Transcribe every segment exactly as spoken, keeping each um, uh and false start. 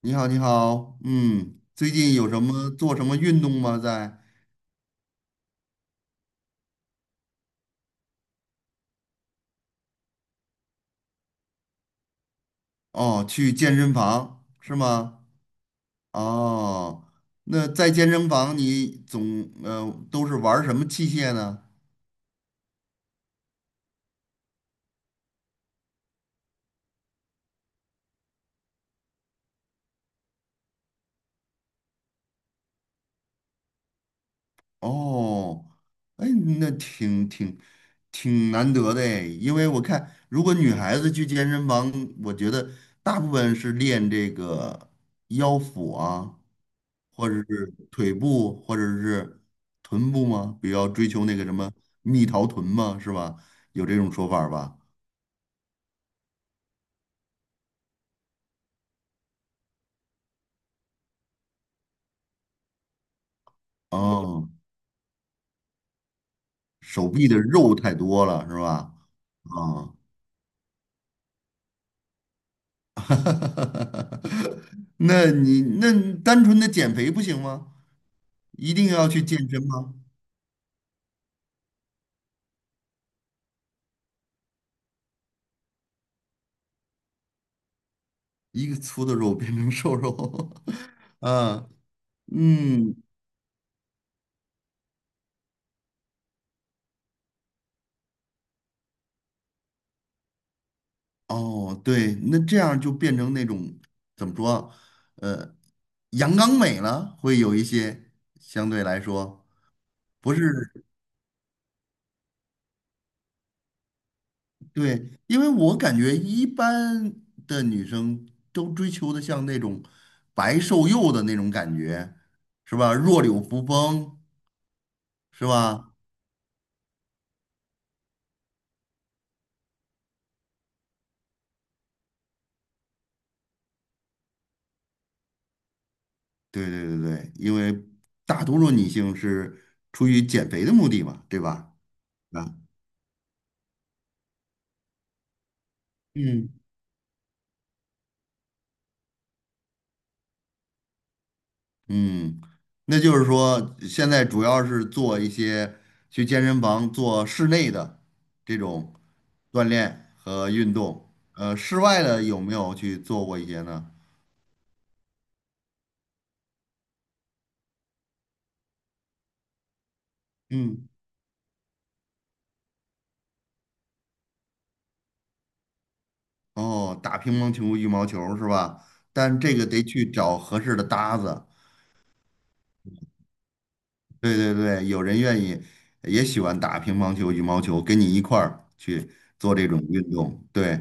你好，你好，嗯，最近有什么做什么运动吗？在哦，去健身房是吗？哦，那在健身房你总呃都是玩儿什么器械呢？哦，哎，那挺挺挺难得的哎因为我看如果女孩子去健身房，我觉得大部分是练这个腰腹啊，或者是腿部，或者是臀部吗？比较追求那个什么蜜桃臀吗？是吧？有这种说法儿吧？哦，手臂的肉太多了，是吧？啊、那你那单纯的减肥不行吗？一定要去健身吗？一个粗的肉变成瘦肉，啊，嗯，哦，对，那这样就变成那种怎么说啊？呃。阳刚美了，会有一些相对来说不是对，因为我感觉一般的女生都追求的像那种白瘦幼的那种感觉，是吧？弱柳扶风，是吧？对对对对，因为大多数女性是出于减肥的目的嘛，对吧？啊，嗯，嗯，那就是说，现在主要是做一些去健身房做室内的这种锻炼和运动，呃，室外的有没有去做过一些呢？嗯，哦，打乒乓球、羽毛球是吧？但这个得去找合适的搭子。对对对，有人愿意，也喜欢打乒乓球、羽毛球，跟你一块儿去做这种运动。对，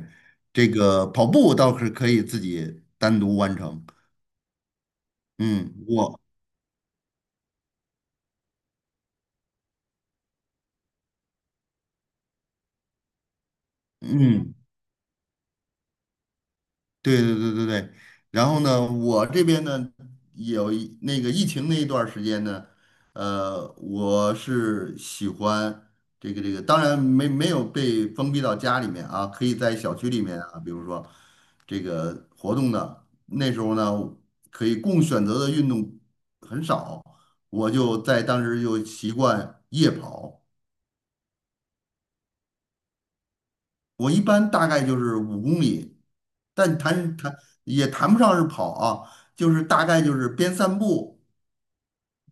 这个跑步倒是可以自己单独完成。嗯，我嗯，对对对对对。然后呢，我这边呢，有一那个疫情那一段儿时间呢，呃，我是喜欢这个这个，当然没没有被封闭到家里面啊，可以在小区里面啊，比如说这个活动的，那时候呢，可以供选择的运动很少，我就在当时就习惯夜跑。我一般大概就是五公里，但谈谈也谈不上是跑啊，就是大概就是边散步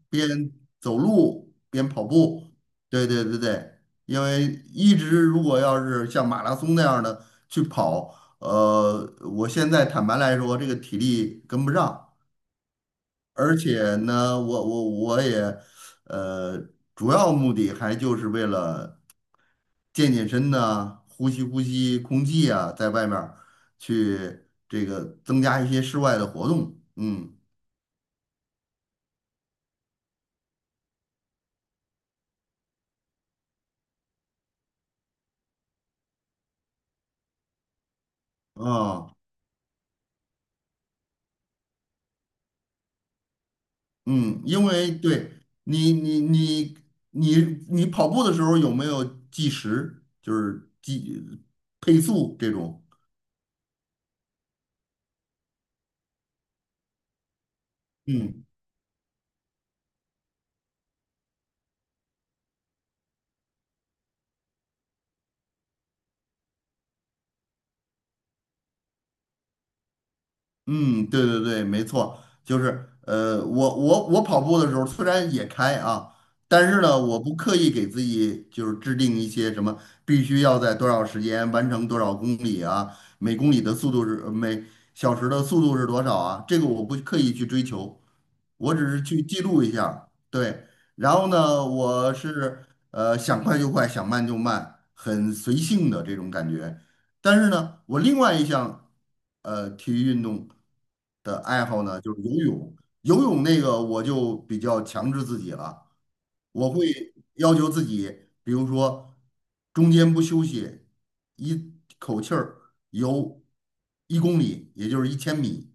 边走路边跑步。对对对对，因为一直如果要是像马拉松那样的去跑，呃，我现在坦白来说，这个体力跟不上，而且呢，我我我也，呃，主要目的还就是为了。健健身呐、呼吸呼吸空气啊，在外面儿去这个增加一些室外的活动。嗯啊嗯，因为对你你你你你跑步的时候有没有计时，就是计配速这种？嗯嗯，对对对，没错，就是呃，我我我跑步的时候虽然也开啊，但是呢，我不刻意给自己就是制定一些什么必须要在多少时间完成多少公里啊，每公里的速度是每小时的速度是多少啊，这个我不刻意去追求，我只是去记录一下儿对，然后呢，我是呃想快就快，想慢就慢，很随性的这种感觉。但是呢，我另外一项呃体育运动的爱好呢，就是游泳。游泳那个我就比较强制自己了，我会要求自己，比如说中间不休息，一口气儿游一公里，也就是一千米，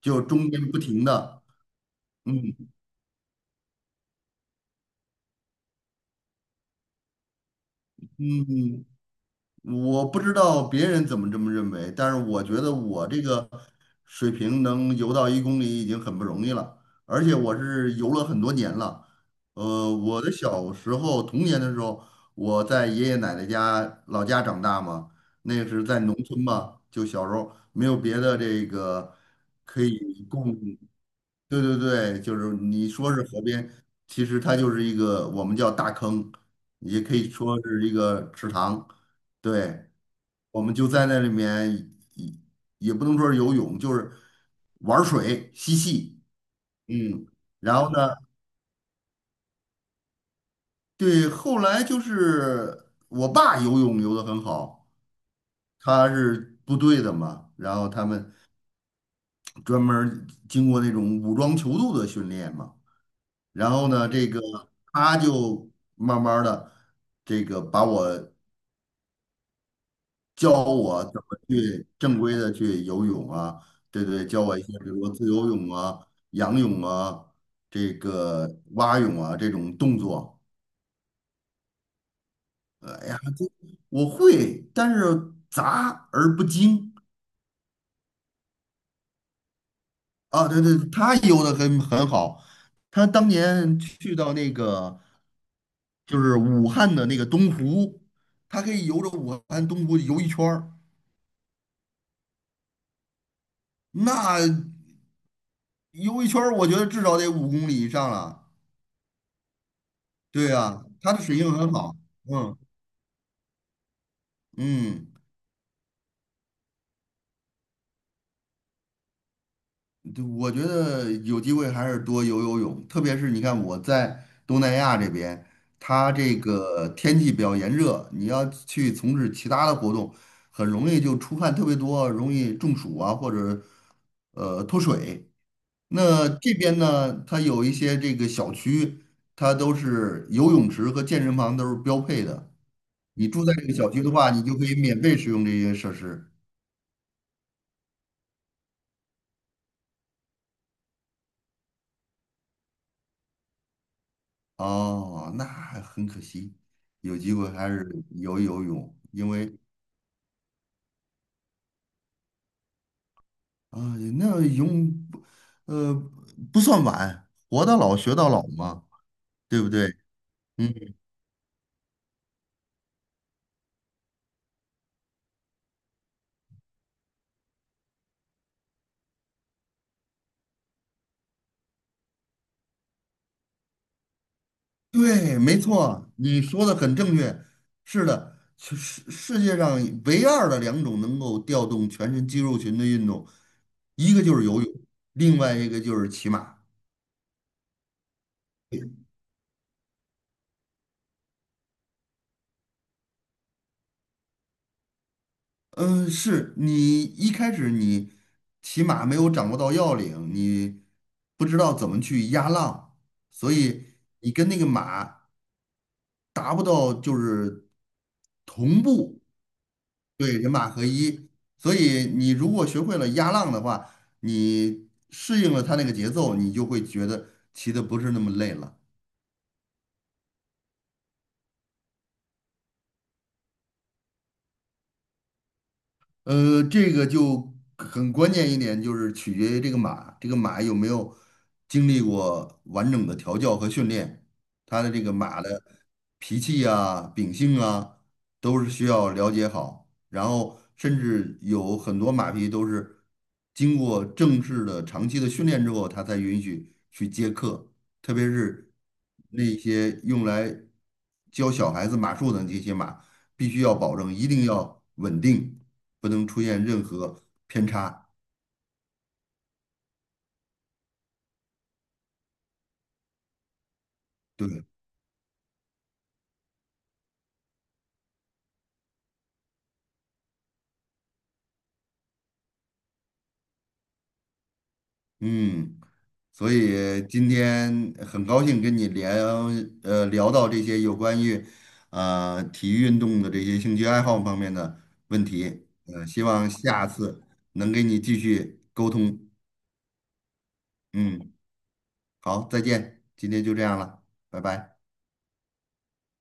就中间不停的，嗯嗯，我不知道别人怎么这么认为，但是我觉得我这个水平能游到一公里已经很不容易了，而且我是游了很多年了。呃，我的小时候童年的时候，我在爷爷奶奶家老家长大嘛，那个是在农村嘛，就小时候没有别的这个可以供对对对，就是你说是河边，其实它就是一个我们叫大坑，也可以说是一个池塘。对，我们就在那里面，也也不能说是游泳，就是玩水嬉戏，嗯，然后呢，对，后来就是我爸游泳游得很好，他是部队的嘛，然后他们专门儿经过那种武装泅渡的训练嘛，然后呢，这个他就慢慢的这个把我。教我怎么去正规的去游泳啊，对对，教我一些比如说自由泳啊、仰泳啊、这个蛙泳啊这种动作。呃哎呀，这我会，但是杂而不精啊。对对，他游的很很好，他当年去到那个就是武汉的那个东湖，他可以游着武汉东湖游一圈儿，那游一圈儿我觉得至少得五公里以上了。对呀，它的水性很好。嗯嗯，对我觉得有机会还是多游游泳，特别是你看我在东南亚这边，它这个天气比较炎热，你要去从事其他的活动，很容易就出汗特别多，容易中暑啊，或者呃脱水。那这边呢，它有一些这个小区，它都是游泳池和健身房都是标配的。你住在这个小区的话，你就可以免费使用这些设施。哦，那还很可惜，有机会还是游游泳，因为啊，那泳不呃，不算晚，活到老学到老嘛，对不对？嗯，对，没错，你说的很正确，是的，世世世界上唯二的两种能够调动全身肌肉群的运动，一个就是游泳，另外一个就是骑马。嗯，是你一开始你骑马没有掌握到要领，你不知道怎么去压浪，所以你跟那个马达不到就是同步，对，人马合一。所以你如果学会了压浪的话，你适应了它那个节奏，你就会觉得骑的不是那么累了。呃，这个就很关键一点，就是取决于这个马，这个马有没有经历过完整的调教和训练，它的这个马的脾气啊、秉性啊，都是需要了解好。然后，甚至有很多马匹都是经过正式的长期的训练之后，它才允许去接客，特别是那些用来教小孩子马术的这些马。必须要保证，一定要稳定，不能出现任何偏差。对，嗯，所以今天很高兴跟你聊，呃，聊到这些有关于，呃，体育运动的这些兴趣爱好方面的问题。呃，希望下次能给你继续。嗯，好，再见，今天就这样了，拜拜。